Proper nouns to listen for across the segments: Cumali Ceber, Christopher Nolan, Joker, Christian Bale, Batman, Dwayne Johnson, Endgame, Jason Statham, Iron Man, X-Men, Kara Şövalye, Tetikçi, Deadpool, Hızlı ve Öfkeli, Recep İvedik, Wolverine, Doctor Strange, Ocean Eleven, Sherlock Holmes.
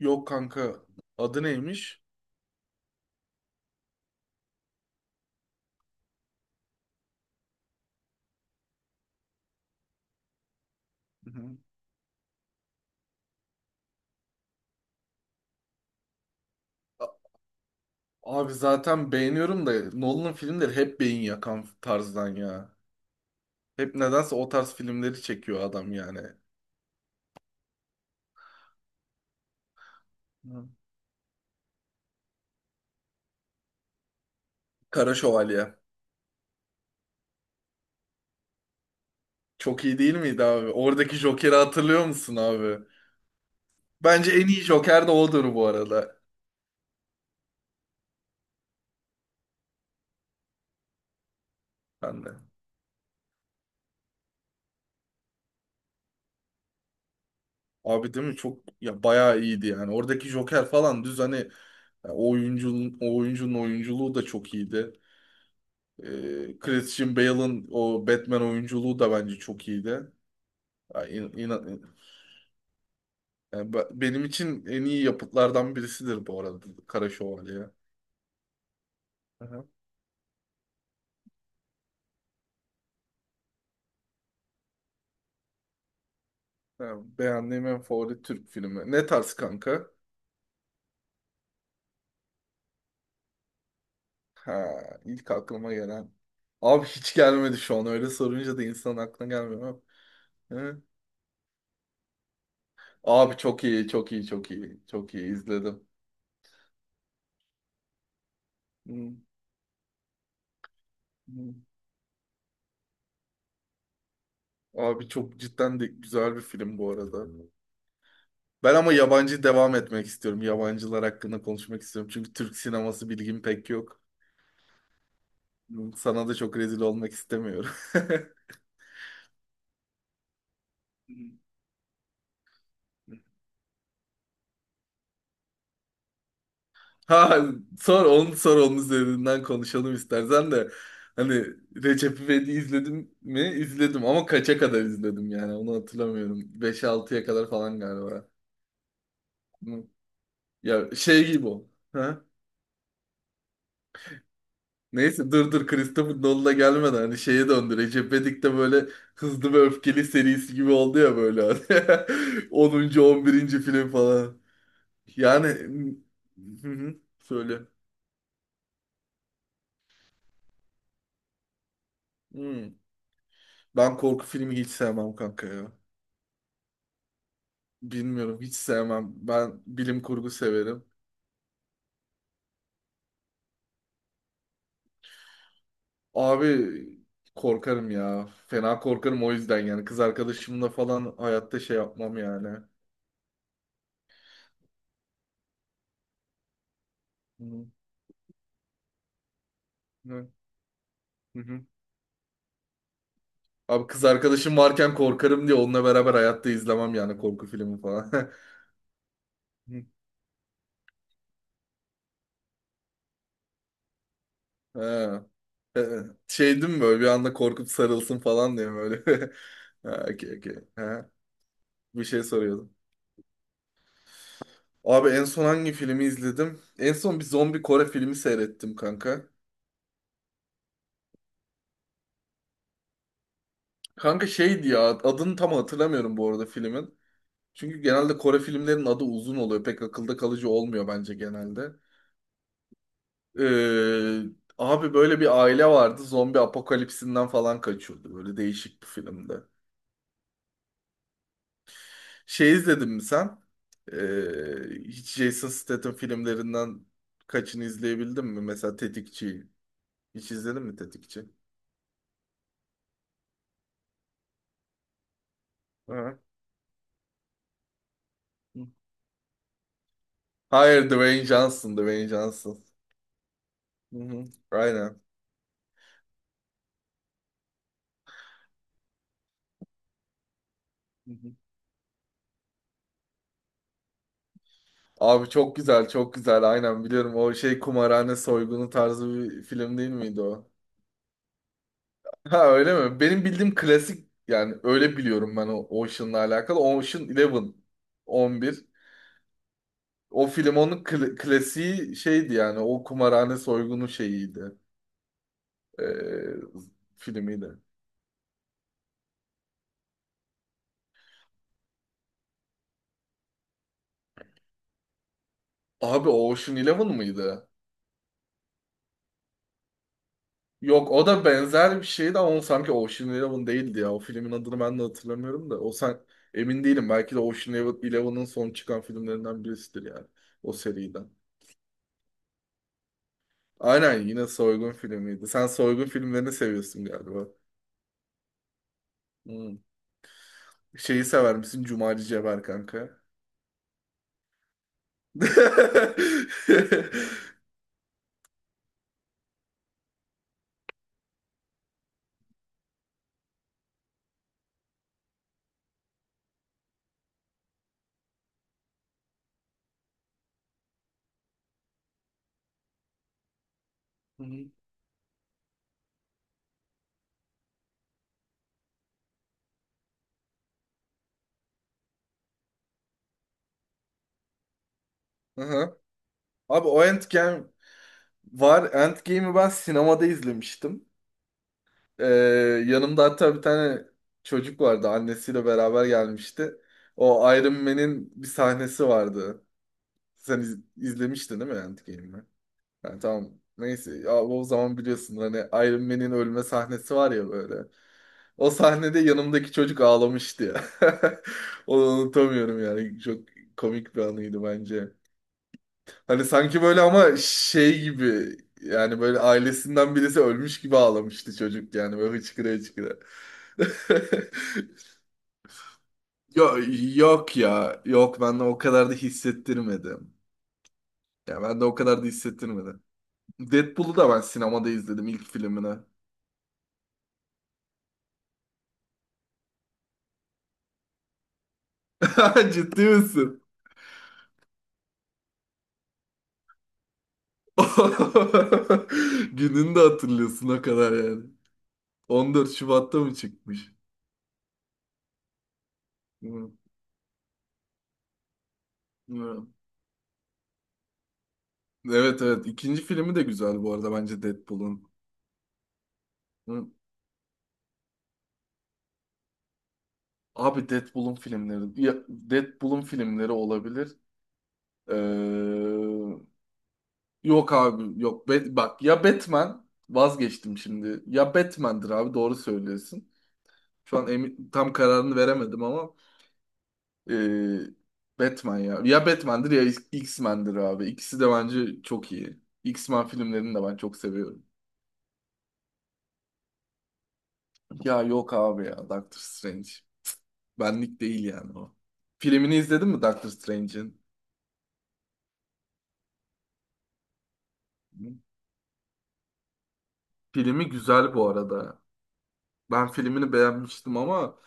Yok kanka, adı neymiş? Hı hı. A- Abi zaten beğeniyorum da Nolan'ın filmleri hep beyin yakan tarzdan ya. Hep nedense o tarz filmleri çekiyor adam yani. Hı. Kara Şövalye. Çok iyi değil miydi abi? Oradaki Joker'i hatırlıyor musun abi? Bence en iyi Joker de odur bu arada. Ben de. Abi değil mi çok ya, bayağı iyiydi yani. Oradaki Joker falan düz, hani ya o oyuncunun oyunculuğu da çok iyiydi. Christian Bale'ın o Batman oyunculuğu da bence çok iyiydi. Ya yani benim için en iyi yapıtlardan birisidir bu arada Kara Şövalye. Hı hı. Yani beğendiğim en favori Türk filmi. Ne tarz kanka? Ha, ilk aklıma gelen. Abi hiç gelmedi şu an. Öyle sorunca da insanın aklına gelmiyor. Abi çok iyi, çok iyi, çok iyi. Çok iyi izledim. Hı, hı. Abi çok cidden de güzel bir film bu arada. Ben ama yabancı devam etmek istiyorum. Yabancılar hakkında konuşmak istiyorum. Çünkü Türk sineması bilgim pek yok. Hı. Sana da çok rezil olmak istemiyorum. Ha, sor onun üzerinden konuşalım istersen de. Hani Recep İvedik'i izledim mi? İzledim ama kaça kadar izledim yani onu hatırlamıyorum. Beş altıya kadar falan galiba. Ya şey gibi o. Ha? Neyse, dur dur, Christopher Nolan'a gelmeden hani şeye döndü. Recep İvedik de böyle Hızlı ve Öfkeli serisi gibi oldu ya böyle, hani. 10. 11. film falan. Yani, hı hı, söyle. Hmm. Ben korku filmi hiç sevmem kanka ya. Bilmiyorum, hiç sevmem. Ben bilim kurgu severim. Abi korkarım ya. Fena korkarım o yüzden yani. Kız arkadaşımla falan hayatta şey yapmam yani. Hı hı. Hı hı. Abi kız arkadaşım varken korkarım diye onunla beraber hayatta izlemem yani korku filmi falan. Ha. Ee, Şey değil mi böyle bir anda korkup sarılsın falan diye böyle. Ha, okey, okey. Ha, bir şey soruyordum. Abi en son hangi filmi izledim? En son bir zombi Kore filmi seyrettim kanka. Kanka şeydi ya, adını tam hatırlamıyorum bu arada filmin. Çünkü genelde Kore filmlerinin adı uzun oluyor. Pek akılda kalıcı olmuyor bence genelde. Ee, abi böyle bir aile vardı. Zombi apokalipsinden falan kaçıyordu. Böyle değişik bir filmdi. Şey izledin mi sen? Hiç Jason Statham filmlerinden kaçını izleyebildin mi? Mesela Tetikçi. Hiç izledin mi Tetikçi? Hı. Hayır, Dwayne Johnson, Dwayne Johnson. Hı hı. Aynen. Hı hı. Abi çok güzel, çok güzel. Aynen, biliyorum. O şey kumarhane soygunu tarzı bir film değil miydi o? Ha, öyle mi? Benim bildiğim klasik yani, öyle biliyorum ben o Ocean'la alakalı. Ocean Eleven, 11. O film onun klasiği şeydi yani, o kumarhane soygunu şeyiydi. Ee, filmiydi. Abi Ocean Eleven mıydı? Yok, o da benzer bir şeydi ama o sanki Ocean Eleven değildi ya. O filmin adını ben de hatırlamıyorum da. O sen, emin değilim. Belki de Ocean Eleven- son çıkan filmlerinden birisidir yani. O seriden. Aynen, yine soygun filmiydi. Sen soygun filmlerini seviyorsun galiba. Hmm. Şeyi sever misin? Cumali Ceber kanka. Hı hı. Aha. Abi o Endgame var. Endgame'i ben sinemada izlemiştim. Ee, yanımda hatta bir tane çocuk vardı. Annesiyle beraber gelmişti. O Iron Man'in bir sahnesi vardı. Sen izlemiştin değil mi Endgame'i? Yani tamam. Neyse. Ya o zaman biliyorsun hani Iron Man'in ölme sahnesi var ya böyle. O sahnede yanımdaki çocuk ağlamıştı ya. Onu unutamıyorum yani. Çok komik bir anıydı bence. Hani sanki böyle ama şey gibi, yani böyle ailesinden birisi ölmüş gibi ağlamıştı çocuk yani böyle hıçkıra hıçkıra. Yok, yok ya. Yok, ben de o kadar da hissettirmedim. Ya ben de o kadar da hissettirmedim. Deadpool'u da ben sinemada izledim ilk filmini. Ciddi misin? Gününü de hatırlıyorsun o kadar yani. 14 Şubat'ta mı çıkmış? Hı, hı. Evet evet. İkinci filmi de güzel bu arada bence Deadpool'un. Hı. Abi Deadpool'un filmleri. Ya, Deadpool'un filmleri olabilir. Ee, yok abi yok. Bak ya, Batman vazgeçtim şimdi. Ya, Batman'dir abi, doğru söylüyorsun. Şu an emin, tam kararını veremedim ama ee, Batman ya. Ya Batman'dir ya X-Men'dir abi. İkisi de bence çok iyi. X-Men filmlerini de ben çok seviyorum. Ya yok abi, ya Doctor Strange. Benlik değil yani o. Filmini izledin mi Doctor Strange'in? Filmi güzel bu arada. Ben filmini beğenmiştim ama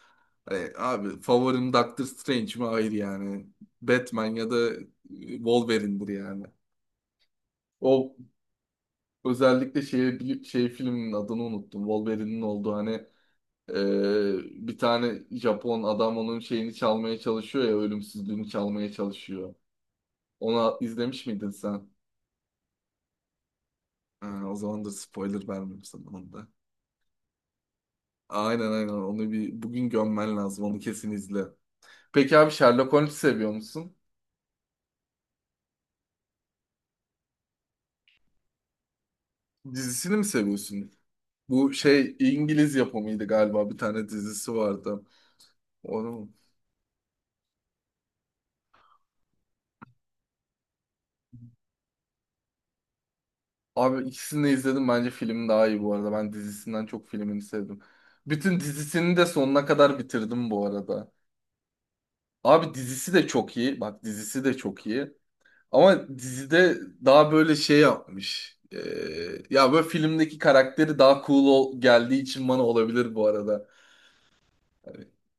hani abi favorim Doctor Strange mi? Hayır yani. Batman ya da Wolverine'dir yani. O özellikle şey, şey filminin adını unuttum. Wolverine'in olduğu hani bir tane Japon adam onun şeyini çalmaya çalışıyor ya, ölümsüzlüğünü çalmaya çalışıyor. Onu izlemiş miydin sen? Ha, o zaman da spoiler vermeyeyim sana onu da. Aynen aynen, onu bir bugün gömmen lazım, onu kesin izle. Peki abi, Sherlock Holmes seviyor musun? Dizisini mi seviyorsun? Bu şey İngiliz yapımıydı galiba, bir tane dizisi vardı. Onu mu? Abi ikisini de izledim, bence film daha iyi bu arada. Ben dizisinden çok filmini sevdim. Bütün dizisini de sonuna kadar bitirdim bu arada. Abi dizisi de çok iyi. Bak, dizisi de çok iyi. Ama dizide daha böyle şey yapmış. Ya böyle filmdeki karakteri daha cool geldiği için bana, olabilir bu arada.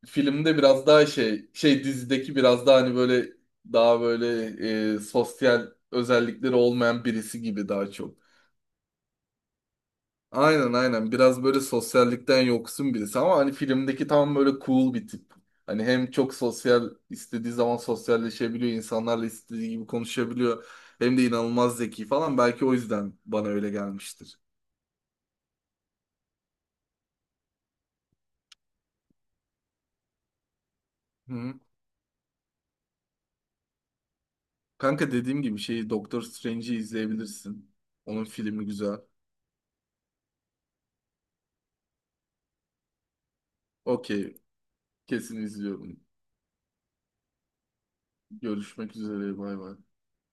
Filmde biraz daha şey, dizideki biraz daha hani böyle, daha böyle sosyal özellikleri olmayan birisi gibi daha çok. Aynen aynen. Biraz böyle sosyallikten yoksun birisi ama hani filmdeki tam böyle cool bir tip. Hani hem çok sosyal, istediği zaman sosyalleşebiliyor, insanlarla istediği gibi konuşabiliyor. Hem de inanılmaz zeki falan. Belki o yüzden bana öyle gelmiştir. Hı. Hı. Kanka dediğim gibi şeyi Doktor Strange'i izleyebilirsin. Onun filmi güzel. Okey, kesin izliyorum. Görüşmek üzere, bay bay.